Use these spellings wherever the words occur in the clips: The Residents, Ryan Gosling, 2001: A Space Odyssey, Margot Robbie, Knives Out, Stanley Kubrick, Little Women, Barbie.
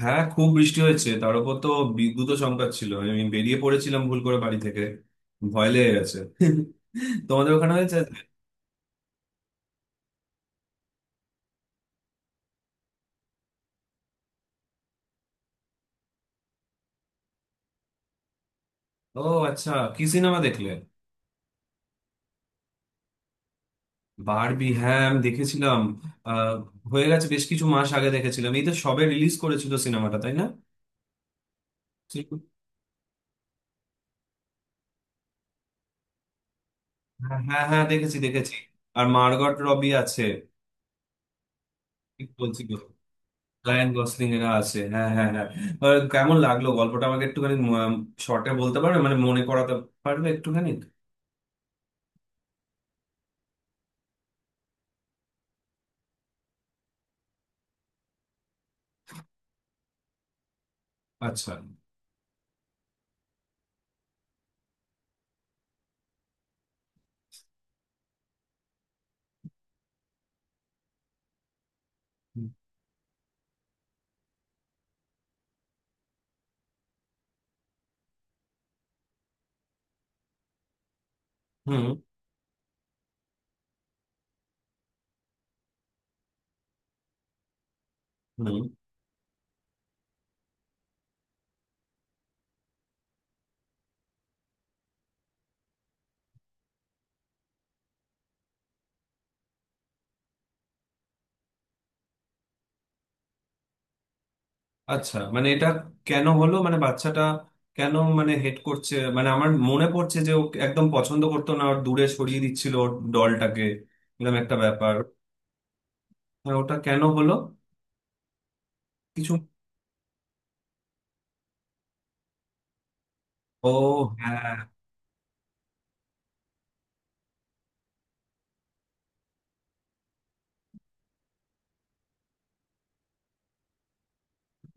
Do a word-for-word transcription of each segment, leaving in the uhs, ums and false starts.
হ্যাঁ, খুব বৃষ্টি হয়েছে। তার উপর তো বিদ্যুৎও সংকট ছিল। আমি বেরিয়ে পড়েছিলাম ভুল করে বাড়ি থেকে, ভয় লেগে গেছে। তোমাদের ওখানে হয়েছে? ও, আচ্ছা। কি সিনেমা দেখলে? বারবি, হ্যাঁ আমি দেখেছিলাম। আহ হয়ে গেছে বেশ কিছু মাস আগে দেখেছিলাম। এই তো সবে রিলিজ করেছিল সিনেমাটা, তাই না? হ্যাঁ, হ্যাঁ, হ্যাঁ, দেখেছি দেখেছি। আর মার্গট রবি আছে। ঠিক বলছি তো? রায়ান গসলিং এরা আছে, হ্যাঁ, হ্যাঁ, হ্যাঁ। আর কেমন লাগলো গল্পটা? আমাকে একটুখানি শর্টে বলতে পারবে, মানে মনে করাতে পারবে একটুখানি? আচ্ছা। হুম, হুম। আচ্ছা, মানে এটা কেন হলো, মানে বাচ্চাটা কেন, মানে হেড করছে? মানে আমার মনে পড়ছে যে ও একদম পছন্দ করতো না, ওর দূরে সরিয়ে দিচ্ছিল ওর ডলটাকে, এরকম একটা ব্যাপার। হ্যাঁ, ওটা কেন হলো কিছু? ও, হ্যাঁ।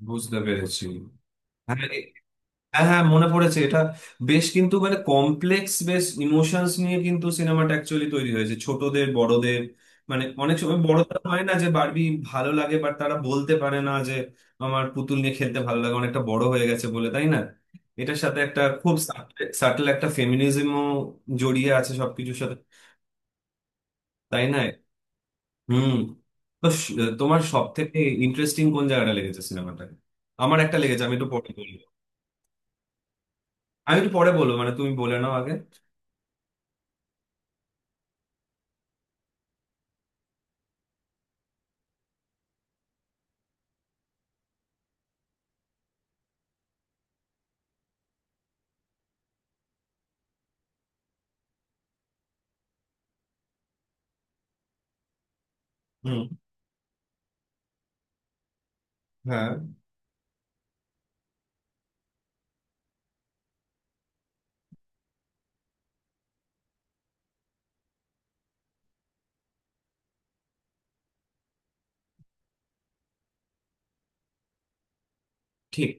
বুঝতে পেরেছি। হ্যাঁ, হ্যাঁ, হ্যাঁ, মনে পড়েছে এটা। বেশ, কিন্তু মানে কমপ্লেক্স বেশ ইমোশনস নিয়ে কিন্তু সিনেমাটা অ্যাকচুয়ালি তৈরি হয়েছে, ছোটদের বড়দের। মানে অনেক সময় বড়দের হয় না যে বারবি ভালো লাগে, বাট তারা বলতে পারে না যে আমার পুতুল নিয়ে খেলতে ভালো লাগে, অনেকটা বড় হয়ে গেছে বলে, তাই না? এটার সাথে একটা খুব সাটল একটা ফেমিনিজমও জড়িয়ে আছে সবকিছুর সাথে, তাই না? হুম। তো স- তোমার সব থেকে ইন্টারেস্টিং কোন জায়গাটা লেগেছে সিনেমাটাকে? আমার একটা লেগেছে, আমি একটু পরে বলবো। আমি একটু পরে বলবো, মানে তুমি বলে নাও আগে। হ্যাঁ। ঠিক।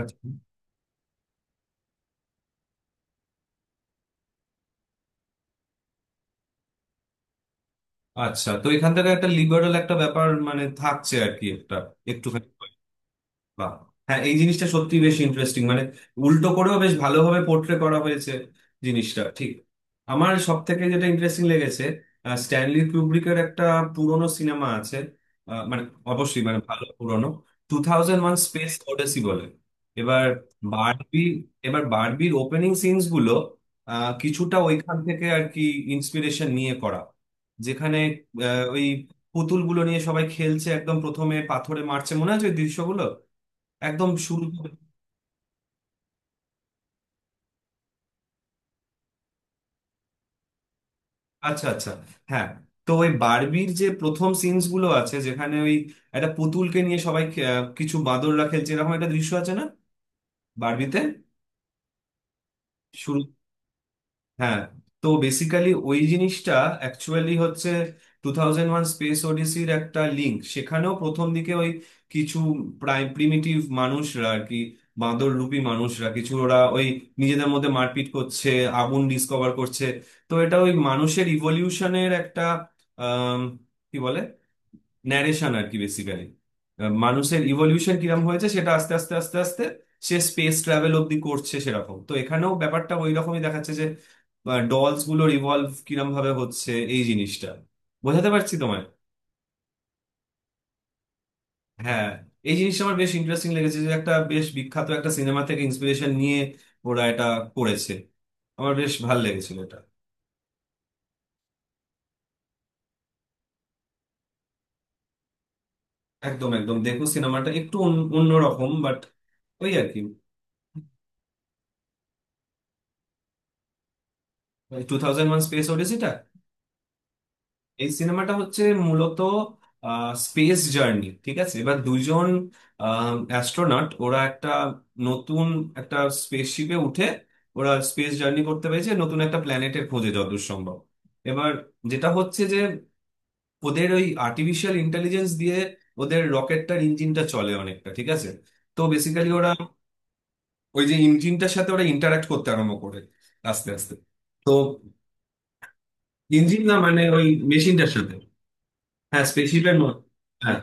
আচ্ছা, আচ্ছা। তো এখান থেকে একটা লিবারেল একটা ব্যাপার মানে থাকছে আর কি, একটা একটুখানি। বাহ। হ্যাঁ, এই জিনিসটা সত্যি বেশ ইন্টারেস্টিং, মানে উল্টো করেও বেশ ভালোভাবে পোর্ট্রে করা হয়েছে জিনিসটা, ঠিক। আমার সব থেকে যেটা ইন্টারেস্টিং লেগেছে, আহ, স্ট্যানলি কুব্রিকের একটা পুরনো সিনেমা আছে। আহ, মানে অবশ্যই মানে ভালো পুরনো, two thousand one space odyssey বলে। এবার বারবি, এবার বারবির ওপেনিং সিনস গুলো আহ, কিছুটা ওইখান থেকে আর কি ইন্সপিরেশন নিয়ে করা, যেখানে আহ, ওই পুতুলগুলো নিয়ে সবাই খেলছে, একদম প্রথমে পাথরে মারছে, মনে আছে ওই দৃশ্যগুলো, একদম শুরু করে- আচ্ছা, আচ্ছা, হ্যাঁ। তো ওই বারবির যে প্রথম সিনস গুলো আছে যেখানে ওই একটা পুতুলকে নিয়ে সবাই খে- আহ, কিছু বাঁদররা খেলছে, এরকম একটা দৃশ্য আছে না বারবিতে শুরু? হ্যাঁ, তো বেসিক্যালি ওই জিনিসটা অ্যাকচুয়ালি হচ্ছে টু থাউজেন্ড ওয়ান স্পেস ওডিসির একটা লিঙ্ক। সেখানেও প্রথম দিকে ওই কিছু প্রায় প্রিমিটিভ মানুষরা আর কি, বাঁদর রূপী মানুষরা কিছু, ওরা ওই নিজেদের মধ্যে মারপিট করছে, আগুন ডিসকভার করছে। তো এটা ওই মানুষের ইভলিউশনের একটা, আম, কি বলে, ন্যারেশন আর কি বেসিক্যালি, মানুষের ইভলিউশন কিরকম হয়েছে সেটা আস্তে আস্তে আস্তে আস্তে সে স্পেস ট্রাভেল অব্দি করছে। সেরকম তো এখানেও ব্যাপারটা ওই রকমই দেখাচ্ছে যে ডলস গুলোর ইভলভ কিরম ভাবে হচ্ছে। এই জিনিসটা বোঝাতে পারছি তোমায়? হ্যাঁ। এই জিনিসটা আমার বেশ ইন্টারেস্টিং লেগেছে, যে একটা বেশ বিখ্যাত একটা সিনেমা থেকে ইন্সপিরেশন নিয়ে ওরা এটা করেছে। আমার বেশ ভালো লেগেছিল এটা। একদম, একদম দেখো সিনেমাটা, একটু অন্য রকম বাট, ওই আর কি। টু থাউজেন্ড ওয়ান স্পেস ওডিসিটা এই সিনেমাটা হচ্ছে মূলত স্পেস জার্নি, ঠিক আছে? এবার দুজন অ্যাস্ট্রোনট ওরা একটা নতুন একটা স্পেসশিপে উঠে ওরা স্পেস জার্নি করতে পেরেছে, নতুন একটা প্ল্যানেটের খোঁজে যতদূর সম্ভব। এবার যেটা হচ্ছে যে ওদের ওই আর্টিফিশিয়াল ইন্টেলিজেন্স দিয়ে ওদের রকেটটার ইঞ্জিনটা চলে অনেকটা, ঠিক আছে? তো বেসিক্যালি ওরা ওই যে ইঞ্জিনটার সাথে ওরা ইন্টারাক্ট করতে আরম্ভ করে আস্তে আস্তে। তো ইঞ্জিন না, মানে ওই মেশিনটার সাথে। হ্যাঁ, স্পেসশিপের মধ্যে। হ্যাঁ,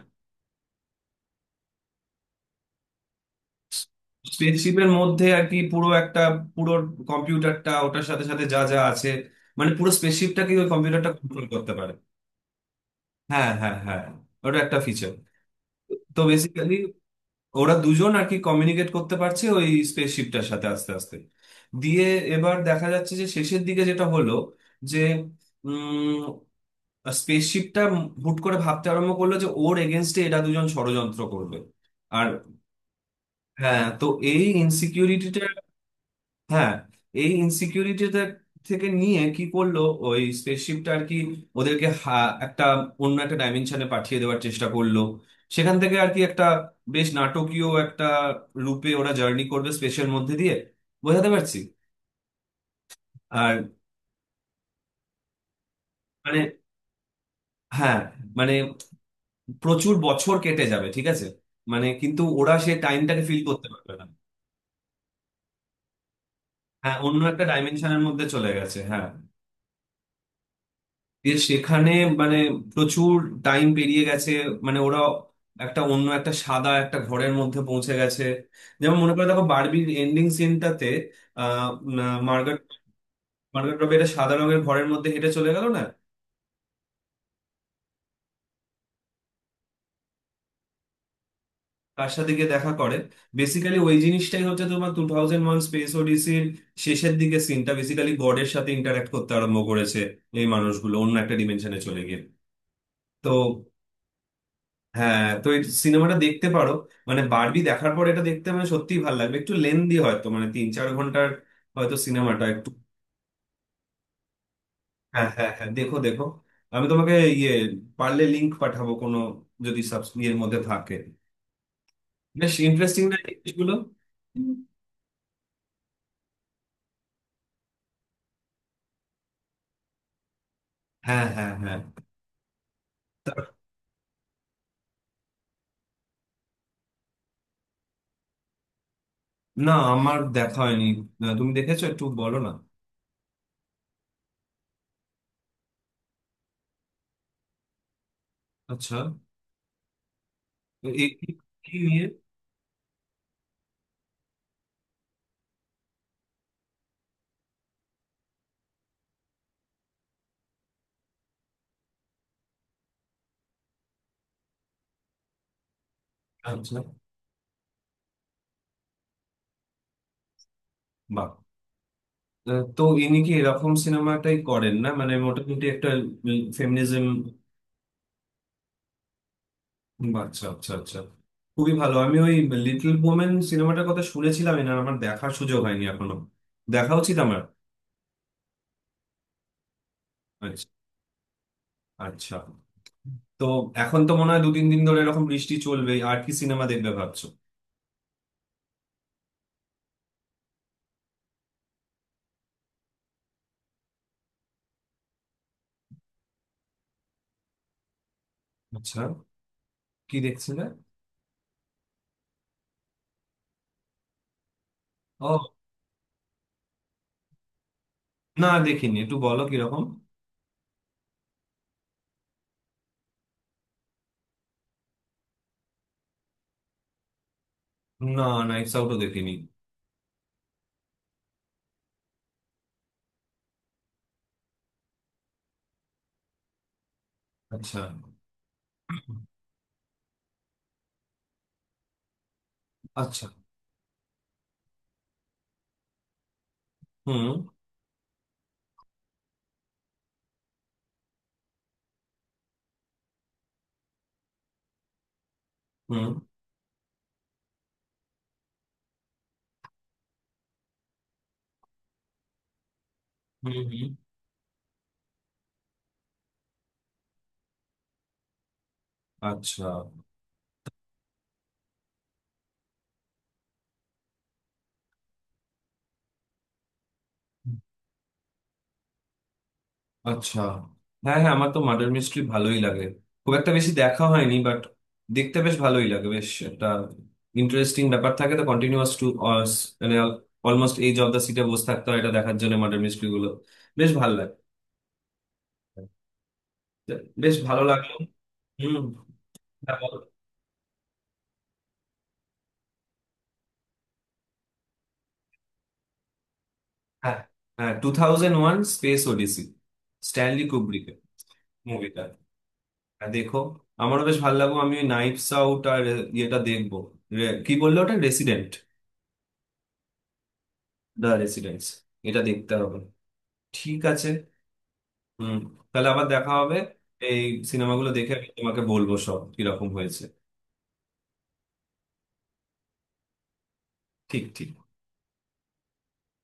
স্পেসশিপের মধ্যে আর কি, পুরো একটা পুরো কম্পিউটারটা, ওটার সাথে সাথে যা যা আছে, মানে পুরো স্পেসশিপটাকে ওই কম্পিউটারটা কন্ট্রোল করতে পারে। হ্যাঁ, হ্যাঁ, হ্যাঁ, ওটা একটা ফিচার। তো বেসিক্যালি ওরা দুজন আর কি কমিউনিকেট করতে পারছে ওই স্পেসশিপটার সাথে আস্তে আস্তে দিয়ে। এবার দেখা যাচ্ছে যে শেষের দিকে যেটা হলো যে স্পেসশিপটা হুট করে ভাবতে আরম্ভ করলো যে ওর এগেনস্টে এরা দুজন ষড়যন্ত্র করবে। আর হ্যাঁ, তো এই ইনসিকিউরিটিটা, হ্যাঁ এই ইনসিকিউরিটিটা থেকে নিয়ে কি করলো ওই স্পেসশিপটা আর কি, ওদেরকে হা- একটা অন্য একটা ডাইমেনশনে পাঠিয়ে দেওয়ার চেষ্টা করলো। সেখান থেকে আর কি একটা বেশ নাটকীয় একটা রূপে ওরা জার্নি করবে স্পেসের মধ্যে দিয়ে। বোঝাতে পারছি? আর মানে হ্যাঁ, মানে প্রচুর বছর কেটে যাবে, ঠিক আছে, মানে কিন্তু ওরা সেই টাইমটাকে ফিল করতে পারবে না। হ্যাঁ, অন্য একটা ডাইমেনশনের মধ্যে চলে গেছে, হ্যাঁ। দিয়ে সেখানে মানে প্রচুর টাইম পেরিয়ে গেছে, মানে ওরা একটা অন্য একটা সাদা একটা ঘরের মধ্যে পৌঁছে গেছে। যেমন মনে করে দেখো বারবির এন্ডিং সিনটাতে, আহ মার্গারেট মার্গারেট রবি একটা সাদা রঙের ঘরের মধ্যে হেঁটে চলে গেল না? কার সাথে গিয়ে দেখা করে? বেসিক্যালি ওই জিনিসটাই হচ্ছে তোমার টু থাউজেন্ড ওয়ান স্পেস ওডিসির শেষের দিকে সিনটা, বেসিক্যালি গডের সাথে ইন্টারাক্ট করতে আরম্ভ করেছে এই মানুষগুলো অন্য একটা ডিমেনশনে চলে গিয়ে। তো হ্যাঁ, তো এই সিনেমাটা দেখতে পারো, মানে বারবি দেখার পর এটা দেখতে মানে সত্যিই ভালো লাগবে। একটু লেন্দি হয়তো, মানে তিন চার ঘন্টার হয়তো সিনেমাটা একটু। হ্যাঁ, হ্যাঁ, হ্যাঁ, দেখো দেখো। আমি তোমাকে ইয়ে, পারলে লিংক পাঠাবো কোনো, যদি সাবস্ক্রিপ্টের মধ্যে থাকে। বেশ ইন্টারেস্টিং না এই জিনিসগুলো? হ্যাঁ, হ্যাঁ, হ্যাঁ। না, আমার দেখা হয়নি। না, তুমি দেখেছো একটু বলো না। আচ্ছা, তো এ কি, কি নিয়ে? আচ্ছা। বাহ। আহ, তো ইনি কি এরকম সিনেমাটাই করেন না, মানে মোটামুটি একটা ফেমিনিজম? আচ্ছা, আচ্ছা, আচ্ছা। খুবই ভালো। আমি ওই লিটল বোমেন সিনেমাটার কথা শুনেছিলাম, না আমার দেখার সুযোগ হয়নি এখনো। দেখা উচিত আমার। আচ্ছা, আচ্ছা। তো এখন তো মনে হয় দু তিন দিন ধরে এরকম বৃষ্টি চলবে আর কি। সিনেমা দেখবে ভাবছো? আচ্ছা। কি দেখছিলে? ও, না দেখিনি, একটু বলো কিরকম। না, নাইটস আউটও দেখিনি। আচ্ছা, আচ্ছা। হুম, হুম। হুম, হুম। আচ্ছা, আচ্ছা। হ্যাঁ, হ্যাঁ, আমার তো মার্ডার মিস্ট্রি ভালোই লাগে। খুব একটা বেশি দেখা হয়নি বাট দেখতে বেশ ভালোই লাগে, বেশ একটা ইন্টারেস্টিং ব্যাপার থাকে তো, কন্টিনিউয়াস টু, মানে অলমোস্ট এই জব দ্য সিটে বসে থাকতে হয় এটা দেখার জন্য। মার্ডার মিস্ট্রি গুলো বেশ ভালো লাগে। বেশ ভালো লাগলো। হুম। হ্যাঁ, বলো। হ্যাঁ, হ্যাঁ, two thousand one space odyssey, Stanley কুব্রিকের মুভিটা। হ্যাঁ, দেখো। আমারও বেশ ভালো লাগলো। আমি নাইটস আউট আর ইয়েটা দেখবো। রে- কি বললো ওটা, রেসিডেন্ট? দা রেসিডেন্টস, এটা দেখতে হবে, ঠিক আছে। হুম। তাহলে আবার দেখা হবে। এই সিনেমাগুলো দেখে আমি তোমাকে বলবো সব কিরকম হয়েছে। ঠিক, ঠিক।